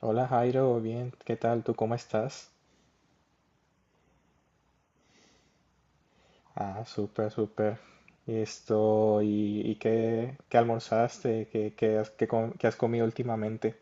Hola Jairo, bien, ¿qué tal? ¿Tú cómo estás? Ah, súper, súper. Y esto, ¿y qué almorzaste? ¿Qué has comido últimamente?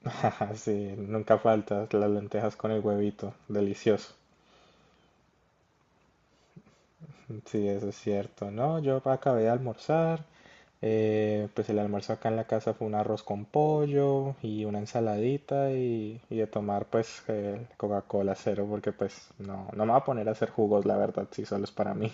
Sí, nunca faltas las lentejas con el huevito, delicioso. Sí, eso es cierto. No, yo acabé de almorzar. Pues el almuerzo acá en la casa fue un arroz con pollo y una ensaladita y de tomar pues el Coca-Cola cero porque pues no me voy a poner a hacer jugos, la verdad, si solo es para mí.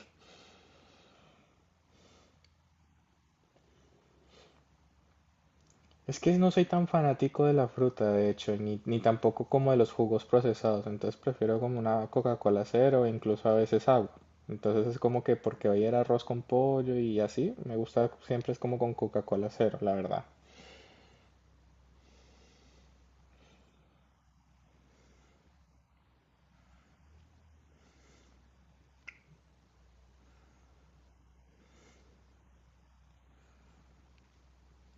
Es que no soy tan fanático de la fruta, de hecho, ni tampoco como de los jugos procesados, entonces prefiero como una Coca-Cola cero, e incluso a veces agua. Entonces es como que porque hoy era arroz con pollo y así, me gusta siempre es como con Coca-Cola cero, la verdad.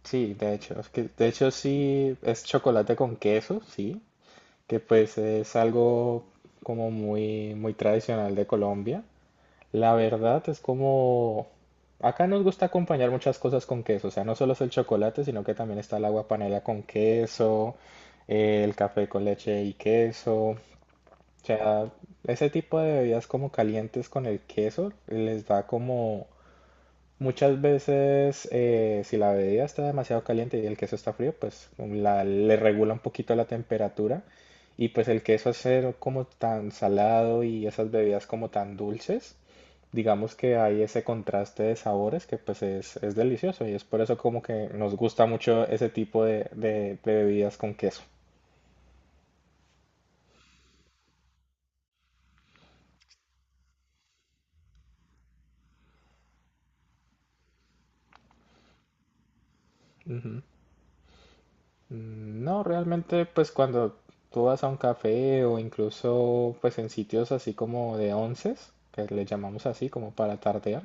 Sí, de hecho, es que de hecho sí es chocolate con queso, sí, que pues es algo como muy muy tradicional de Colombia. La verdad es como... Acá nos gusta acompañar muchas cosas con queso, o sea, no solo es el chocolate, sino que también está el agua panela con queso, el café con leche y queso. O sea, ese tipo de bebidas como calientes con el queso les da como muchas veces, si la bebida está demasiado caliente y el queso está frío, pues le regula un poquito la temperatura. Y pues el queso al ser como tan salado y esas bebidas como tan dulces, digamos que hay ese contraste de sabores que pues es delicioso y es por eso como que nos gusta mucho ese tipo de bebidas con queso. Mm, no, realmente pues cuando tú vas a un café o incluso pues en sitios así como de onces, que le llamamos así como para tardear,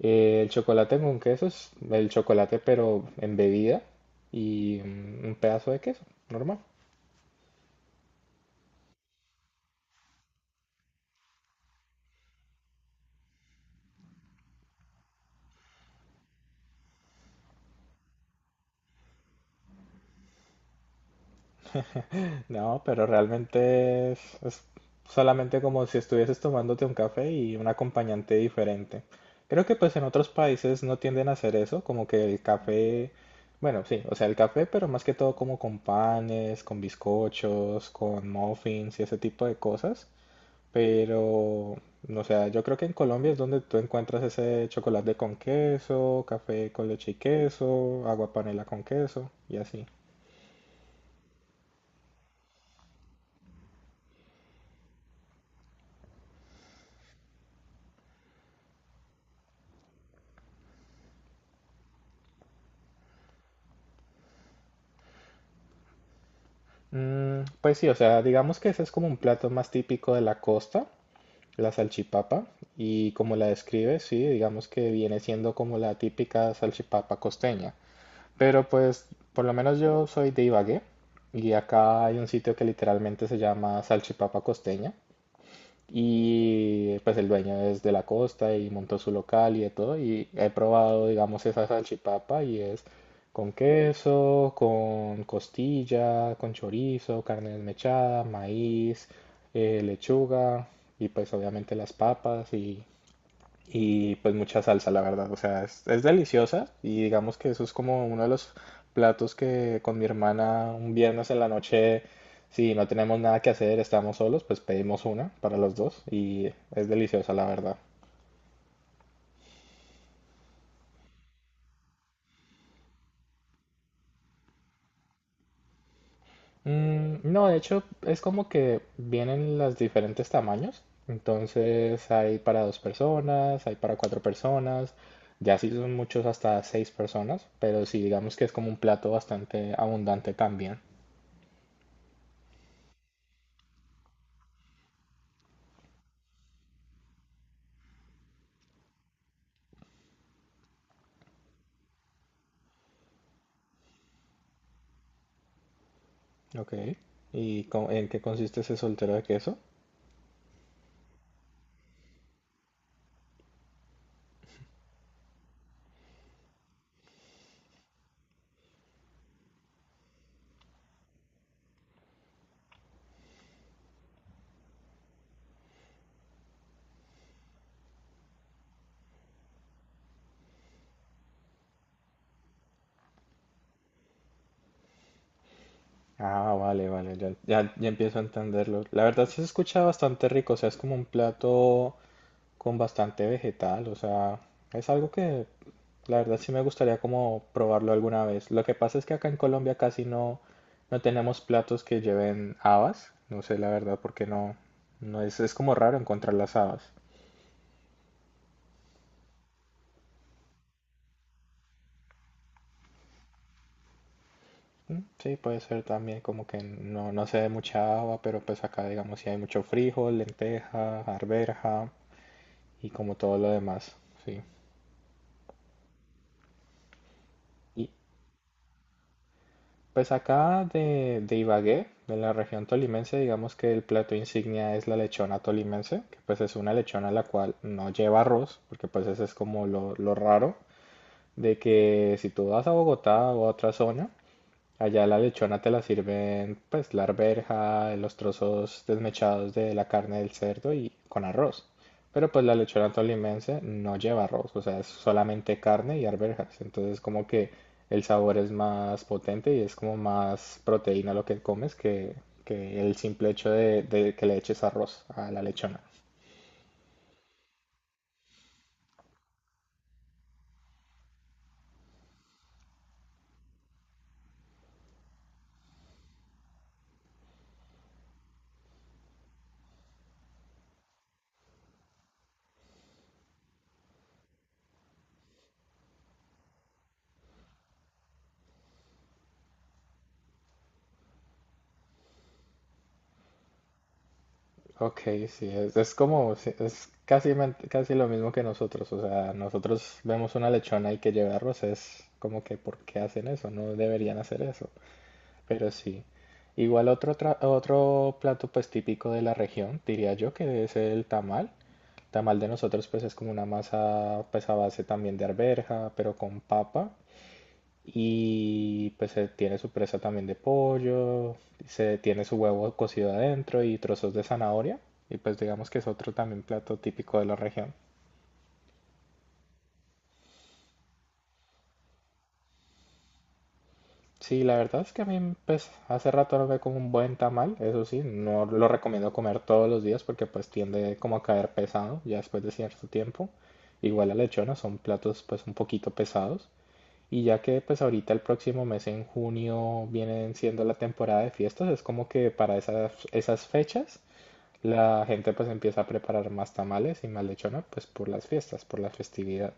el chocolate con queso es el chocolate pero en bebida y un pedazo de queso, normal. No, pero realmente es solamente como si estuvieses tomándote un café y un acompañante diferente. Creo que pues en otros países no tienden a hacer eso, como que el café, bueno, sí, o sea, el café, pero más que todo como con panes, con bizcochos, con muffins y ese tipo de cosas. Pero, o sea, yo creo que en Colombia es donde tú encuentras ese chocolate con queso, café con leche y queso, agua panela con queso y así. Mm, pues sí, o sea, digamos que ese es como un plato más típico de la costa, la salchipapa, y como la describe, sí, digamos que viene siendo como la típica salchipapa costeña. Pero pues, por lo menos yo soy de Ibagué, y acá hay un sitio que literalmente se llama Salchipapa Costeña, y pues el dueño es de la costa y montó su local y de todo. Y he probado, digamos, esa salchipapa y es con queso, con costilla, con chorizo, carne desmechada, maíz, lechuga y pues obviamente las papas y pues mucha salsa, la verdad. O sea, es deliciosa y digamos que eso es como uno de los platos que con mi hermana un viernes en la noche, si no tenemos nada que hacer, estamos solos, pues pedimos una para los dos y es deliciosa, la verdad. Mm, no, de hecho es como que vienen los diferentes tamaños. Entonces hay para dos personas, hay para cuatro personas, ya si son muchos hasta seis personas, pero sí digamos que es como un plato bastante abundante también. Ok. ¿Y en qué consiste ese soltero de queso? Ah, vale, vale, ya, ya, ya empiezo a entenderlo. La verdad sí se escucha bastante rico, o sea, es como un plato con bastante vegetal, o sea, es algo que la verdad sí me gustaría como probarlo alguna vez. Lo que pasa es que acá en Colombia casi no, no tenemos platos que lleven habas, no sé la verdad porque no, no es, es como raro encontrar las habas. Mm, sí, puede ser también como que no, no se dé mucha haba, pero pues acá digamos si hay mucho frijol, lenteja, arberja y como todo lo demás, sí. Y pues acá de Ibagué, de la región tolimense, digamos que el plato insignia es la lechona tolimense, que pues es una lechona la cual no lleva arroz, porque pues ese es como lo raro, de que si tú vas a Bogotá o a otra zona, allá la lechona te la sirven, pues, la arveja, los trozos desmechados de la carne del cerdo y con arroz. Pero pues la lechona tolimense no lleva arroz, o sea, es solamente carne y arvejas. Entonces como que el sabor es más potente y es como más proteína lo que comes que el simple hecho de que le eches arroz a la lechona. Ok, sí, es como, sí, es casi, casi lo mismo que nosotros, o sea, nosotros vemos una lechona y que llevarlos es como que ¿por qué hacen eso? No deberían hacer eso, pero sí. Igual otro, otro plato pues típico de la región, diría yo, que es el tamal. Tamal de nosotros pues es como una masa pues a base también de arveja, pero con papa y pues tiene su presa también de pollo, se tiene su huevo cocido adentro y trozos de zanahoria. Y pues digamos que es otro también plato típico de la región. Sí, la verdad es que a mí pues hace rato no me como un buen tamal, eso sí, no lo recomiendo comer todos los días porque pues tiende como a caer pesado ya después de cierto tiempo. Igual la lechona son platos pues un poquito pesados. Y ya que pues ahorita el próximo mes en junio vienen siendo la temporada de fiestas, es como que para esas, esas fechas la gente pues empieza a preparar más tamales y más lechona pues por las fiestas, por la festividad.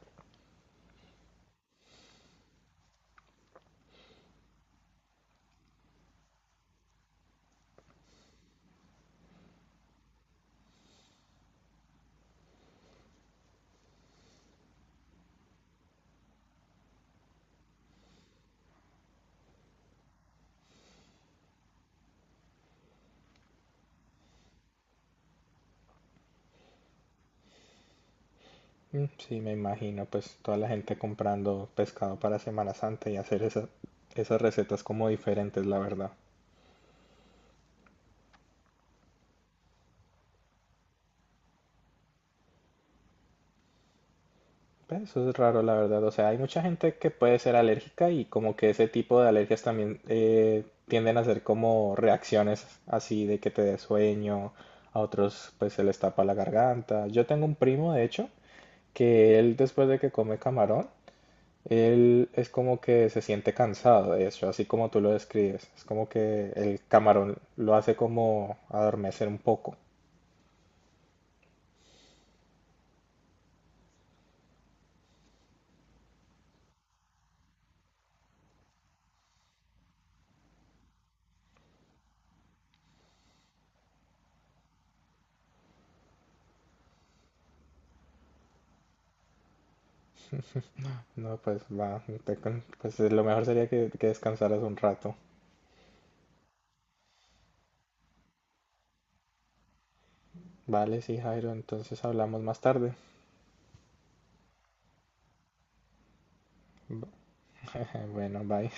Mm, sí, me imagino pues toda la gente comprando pescado para Semana Santa y hacer esas recetas como diferentes, la verdad. Pero eso es raro, la verdad. O sea, hay mucha gente que puede ser alérgica y como que ese tipo de alergias también tienden a ser como reacciones así de que te dé sueño, a otros pues se les tapa la garganta. Yo tengo un primo, de hecho, que él después de que come camarón, él es como que se siente cansado, de hecho, así como tú lo describes. Es como que el camarón lo hace como adormecer un poco. No, pues va, pues lo mejor sería que descansaras un rato. Vale, sí, Jairo, entonces hablamos más tarde. Bueno, bye.